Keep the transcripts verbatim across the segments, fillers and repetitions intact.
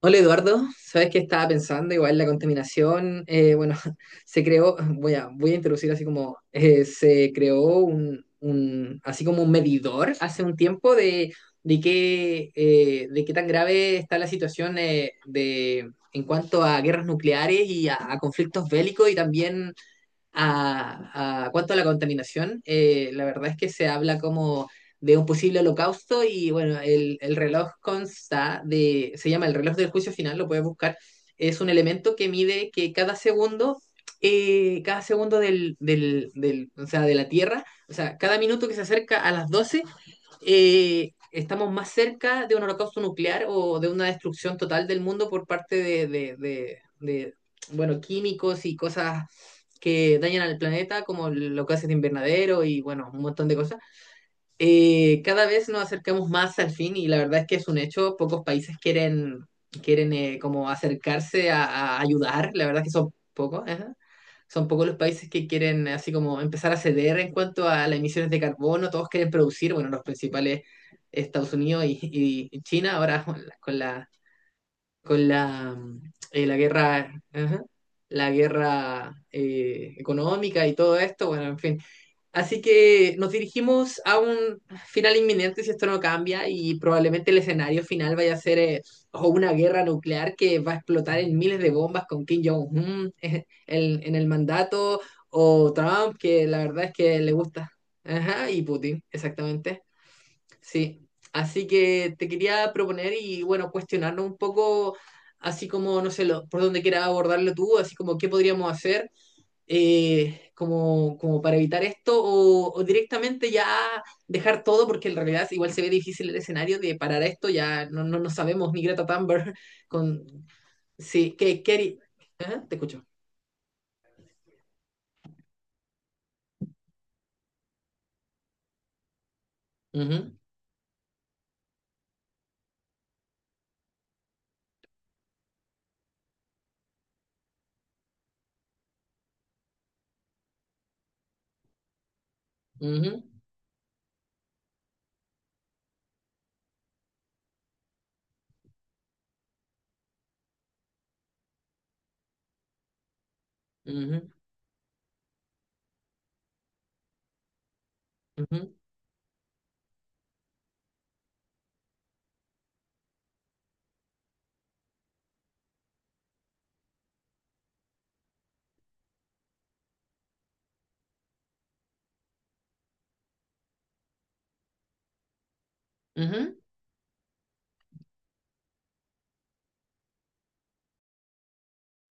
Hola Eduardo, sabes que estaba pensando, igual la contaminación, eh, bueno, se creó, voy a, voy a introducir así como, eh, se creó un, un- así como un medidor hace un tiempo de, de qué, eh, de qué tan grave está la situación eh, de, en cuanto a guerras nucleares y a, a conflictos bélicos y también a, a- cuanto a la contaminación, eh, la verdad es que se habla como de un posible holocausto y bueno, el, el reloj consta de, se llama el reloj del juicio final, lo puedes buscar, es un elemento que mide que cada segundo, eh, cada segundo del, del, del- o sea, de la Tierra, o sea, cada minuto que se acerca a las doce eh, estamos más cerca de un holocausto nuclear o de una destrucción total del mundo por parte de, de, de, de, bueno, químicos y cosas que dañan al planeta, como los gases de invernadero y, bueno, un montón de cosas, eh, cada vez nos acercamos más al fin y la verdad es que es un hecho, pocos países quieren, quieren eh, como acercarse a, a ayudar, la verdad es que son pocos, ajá. Son pocos los países que quieren así como empezar a ceder en cuanto a las emisiones de carbono, todos quieren producir, bueno, los principales Estados Unidos y, y China ahora con la, con la, con la, eh, la guerra, ajá, la guerra eh, económica y todo esto, bueno, en fin. Así que nos dirigimos a un final inminente si esto no cambia y probablemente el escenario final vaya a ser eh, o una guerra nuclear que va a explotar en miles de bombas con Kim Jong-un en, en el mandato o Trump, que la verdad es que le gusta. Ajá, y Putin, exactamente. Sí. Así que te quería proponer y bueno, cuestionarnos un poco, así como, no sé, lo- por dónde quieras abordarlo tú, así como qué podríamos hacer eh, como, como para evitar esto o, o directamente ya dejar todo porque en realidad igual se ve difícil el escenario de parar esto, ya no, no, no sabemos ni Greta Thunberg con... Sí, que Kerry... ¿Eh? Te escucho. Ujú, ujú, ujú, ujú, ujú.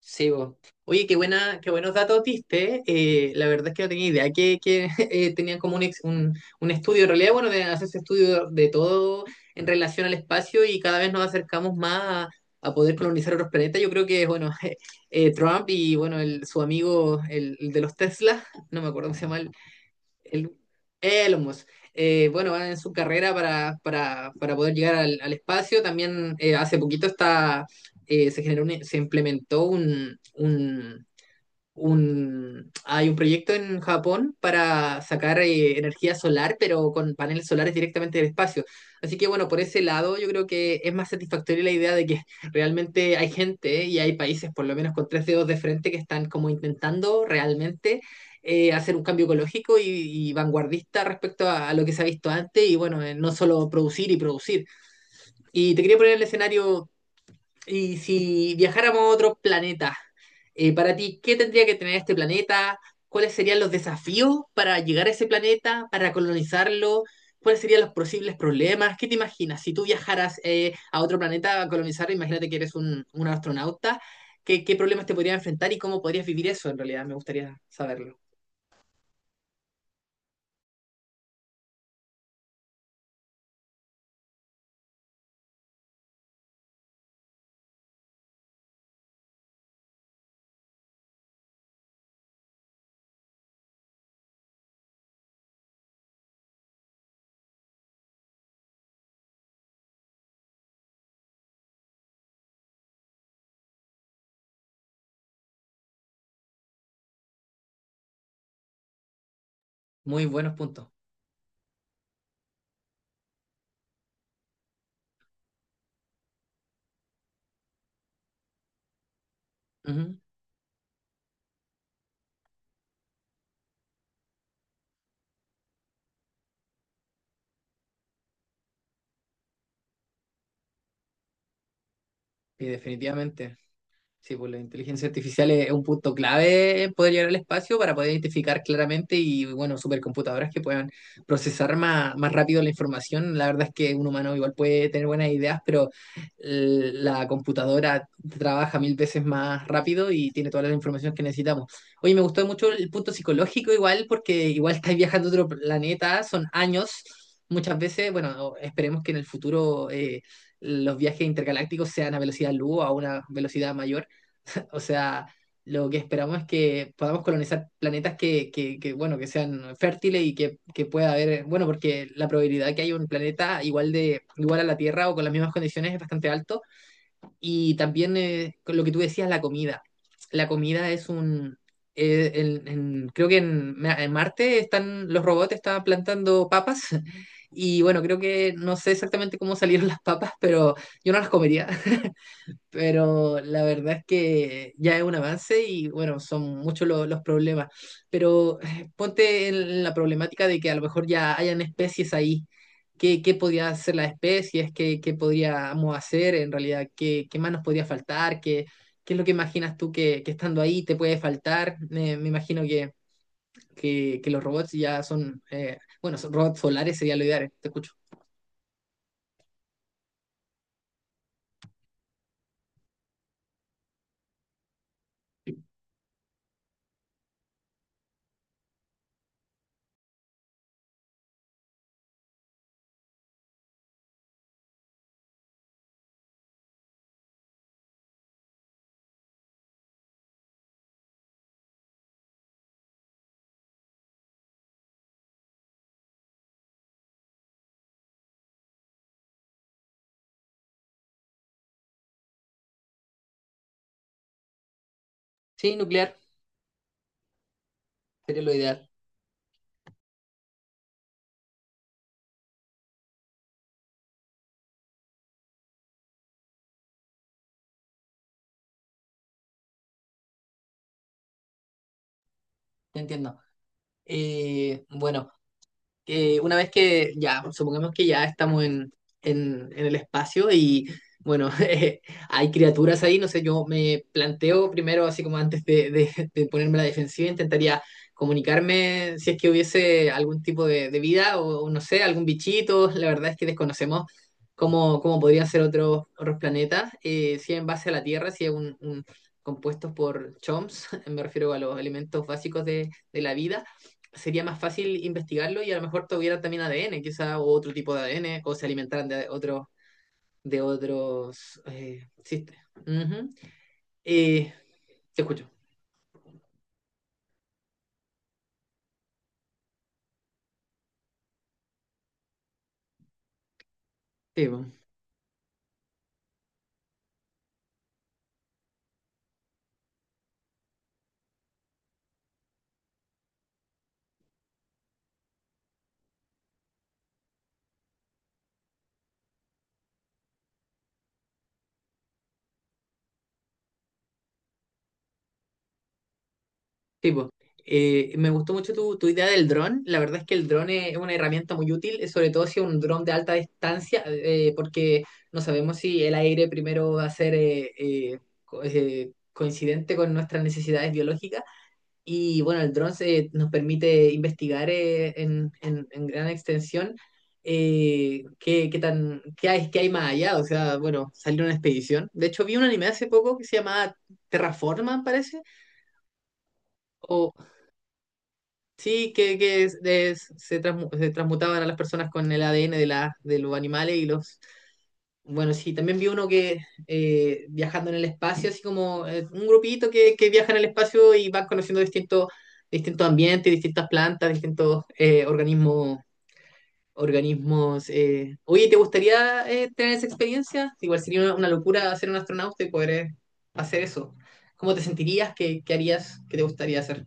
Sí, bo. Oye, qué buena, qué buenos datos diste. Eh, la verdad es que no tenía idea que, que eh, tenían como un, ex- un, un estudio. En realidad, bueno, de- hace ese estudio de todo en relación al espacio y cada vez nos acercamos más a, a poder colonizar otros planetas. Yo creo que, bueno, eh, Trump y, bueno, el, su amigo, el, el de los Tesla, no me acuerdo cómo se llama, el el, Elon Musk. Eh, bueno, va en su carrera para, para, para poder llegar al, al espacio. También eh, hace poquito está, eh, se generó un- se implementó un, un, un, hay un proyecto en Japón para sacar eh, energía solar, pero con paneles solares directamente del espacio. Así que bueno, por ese lado yo creo que es más satisfactoria la idea de que realmente hay gente eh, y hay países, por lo menos con tres dedos de frente, que están como intentando realmente eh, hacer un cambio ecológico y, y vanguardista respecto a, a lo que se ha visto antes y bueno, eh, no solo producir y producir. Y te quería poner el escenario y si viajáramos a otro planeta, eh, para ti, ¿qué tendría que tener este planeta? ¿Cuáles serían los desafíos para llegar a ese planeta, para colonizarlo? ¿Cuáles serían los posibles problemas? ¿Qué te imaginas? Si tú viajaras eh, a otro planeta a colonizarlo, imagínate que eres un, un astronauta, ¿qué, qué problemas te podrías enfrentar y cómo podrías vivir eso en realidad? Me gustaría saberlo. Muy buenos puntos. Ujú. Y definitivamente. Sí, pues la inteligencia artificial es es un punto clave en poder llegar al espacio para poder identificar claramente y, bueno, supercomputadoras que puedan procesar más, más rápido la información. La verdad es que un humano igual puede tener buenas ideas, pero eh, la computadora trabaja mil veces más rápido y tiene toda la información que necesitamos. Oye, me gustó mucho el punto psicológico igual, porque igual estáis viajando a otro planeta, son años. Muchas veces, bueno, esperemos que en el futuro eh, los viajes intergalácticos sean a velocidad luz o a una velocidad mayor. O sea, lo que esperamos es que podamos colonizar planetas que, que, que, bueno, que sean fértiles y que, que pueda haber, bueno, porque la probabilidad de que haya un planeta igual de, igual a la Tierra o con las mismas condiciones es bastante alto. Y también eh, con lo que tú decías, la comida. La comida es un eh, en- en- creo que en, en Marte están los robots están plantando papas y bueno, creo que no sé exactamente cómo salieron las papas, pero yo no las comería, pero la verdad es que ya es un avance y bueno, son muchos lo- los problemas. Pero eh, ponte en la problemática de que a lo mejor ya hayan especies ahí. ¿Qué, qué podría hacer las especies? ¿Qué, qué podríamos hacer en realidad? ¿Qué, qué más nos podría faltar? ¿Qué, qué es lo que imaginas tú que, que estando ahí te puede faltar? Eh, me imagino que, que, que los robots ya son, eh, bueno, son robots solares sería lo ideal, te escucho. Sí, nuclear sería lo ideal, te entiendo. Eh, bueno. Eh, una vez que ya, supongamos que ya estamos en, en, en el espacio y bueno, eh, hay criaturas ahí, no sé, yo me planteo primero, así como antes de, de- de ponerme a la defensiva, intentaría comunicarme si es que hubiese algún tipo de, de vida o o no sé, algún bichito, la verdad es que desconocemos. Cómo, cómo podrían ser otros, otros planetas, eh, si en base a la Tierra, si es un, un- compuestos por C H O M S, me refiero a los elementos básicos de de la vida, sería más fácil investigarlo y a lo mejor tuvieran también A D N, quizá, o otro tipo de A D N, o se alimentaran de otros, de otros eh, sistemas. Ujú. Eh, Te escucho. Tipo, tipo. Eh, me gustó mucho tu, tu idea del dron. La verdad es que el dron es una herramienta muy útil, eh, sobre todo si es un dron de alta distancia, eh, porque no sabemos si el aire primero va a ser eh, eh, co- eh, coincidente con nuestras necesidades biológicas. Y bueno, el dron se- nos permite investigar eh, en, en- en gran extensión eh, qué, qué tan, qué hay, qué hay más allá. O sea, bueno, salió una expedición. De hecho, vi un anime hace poco que se llamaba Terraforma, parece, o, sí, que, que es- es- se, transmu- se transmutaban a las personas con el A D N de, la, de los animales y los... Bueno, sí, también vi uno que eh, viajando en el espacio, así como eh, un grupito que, que viaja en el espacio y van conociendo distintos distintos ambientes, distintas plantas, distintos eh, organismos. organismos eh. Oye, ¿te gustaría eh, tener esa experiencia? Igual sería una, una locura ser un astronauta y poder eh, hacer eso. ¿Cómo te sentirías? ¿Qué, qué harías? ¿Qué te gustaría hacer?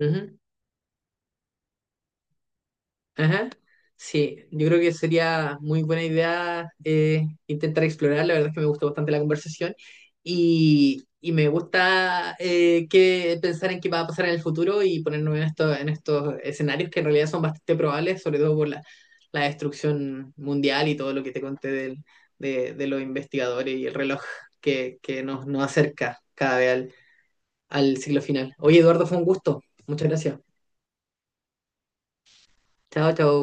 Ujú. Ajá. Sí, yo creo que sería muy buena idea eh, intentar explorar. La verdad es que me gustó bastante la conversación y, y me gusta eh, que pensar en qué va a pasar en el futuro y ponernos en, esto- en estos escenarios que en realidad son bastante probables, sobre todo por la, la destrucción mundial y todo lo que te conté del- de, de los investigadores y el reloj que, que nos, nos acerca cada vez al, al siglo final. Oye, Eduardo, fue un gusto. Muchas gracias. Chao, chao.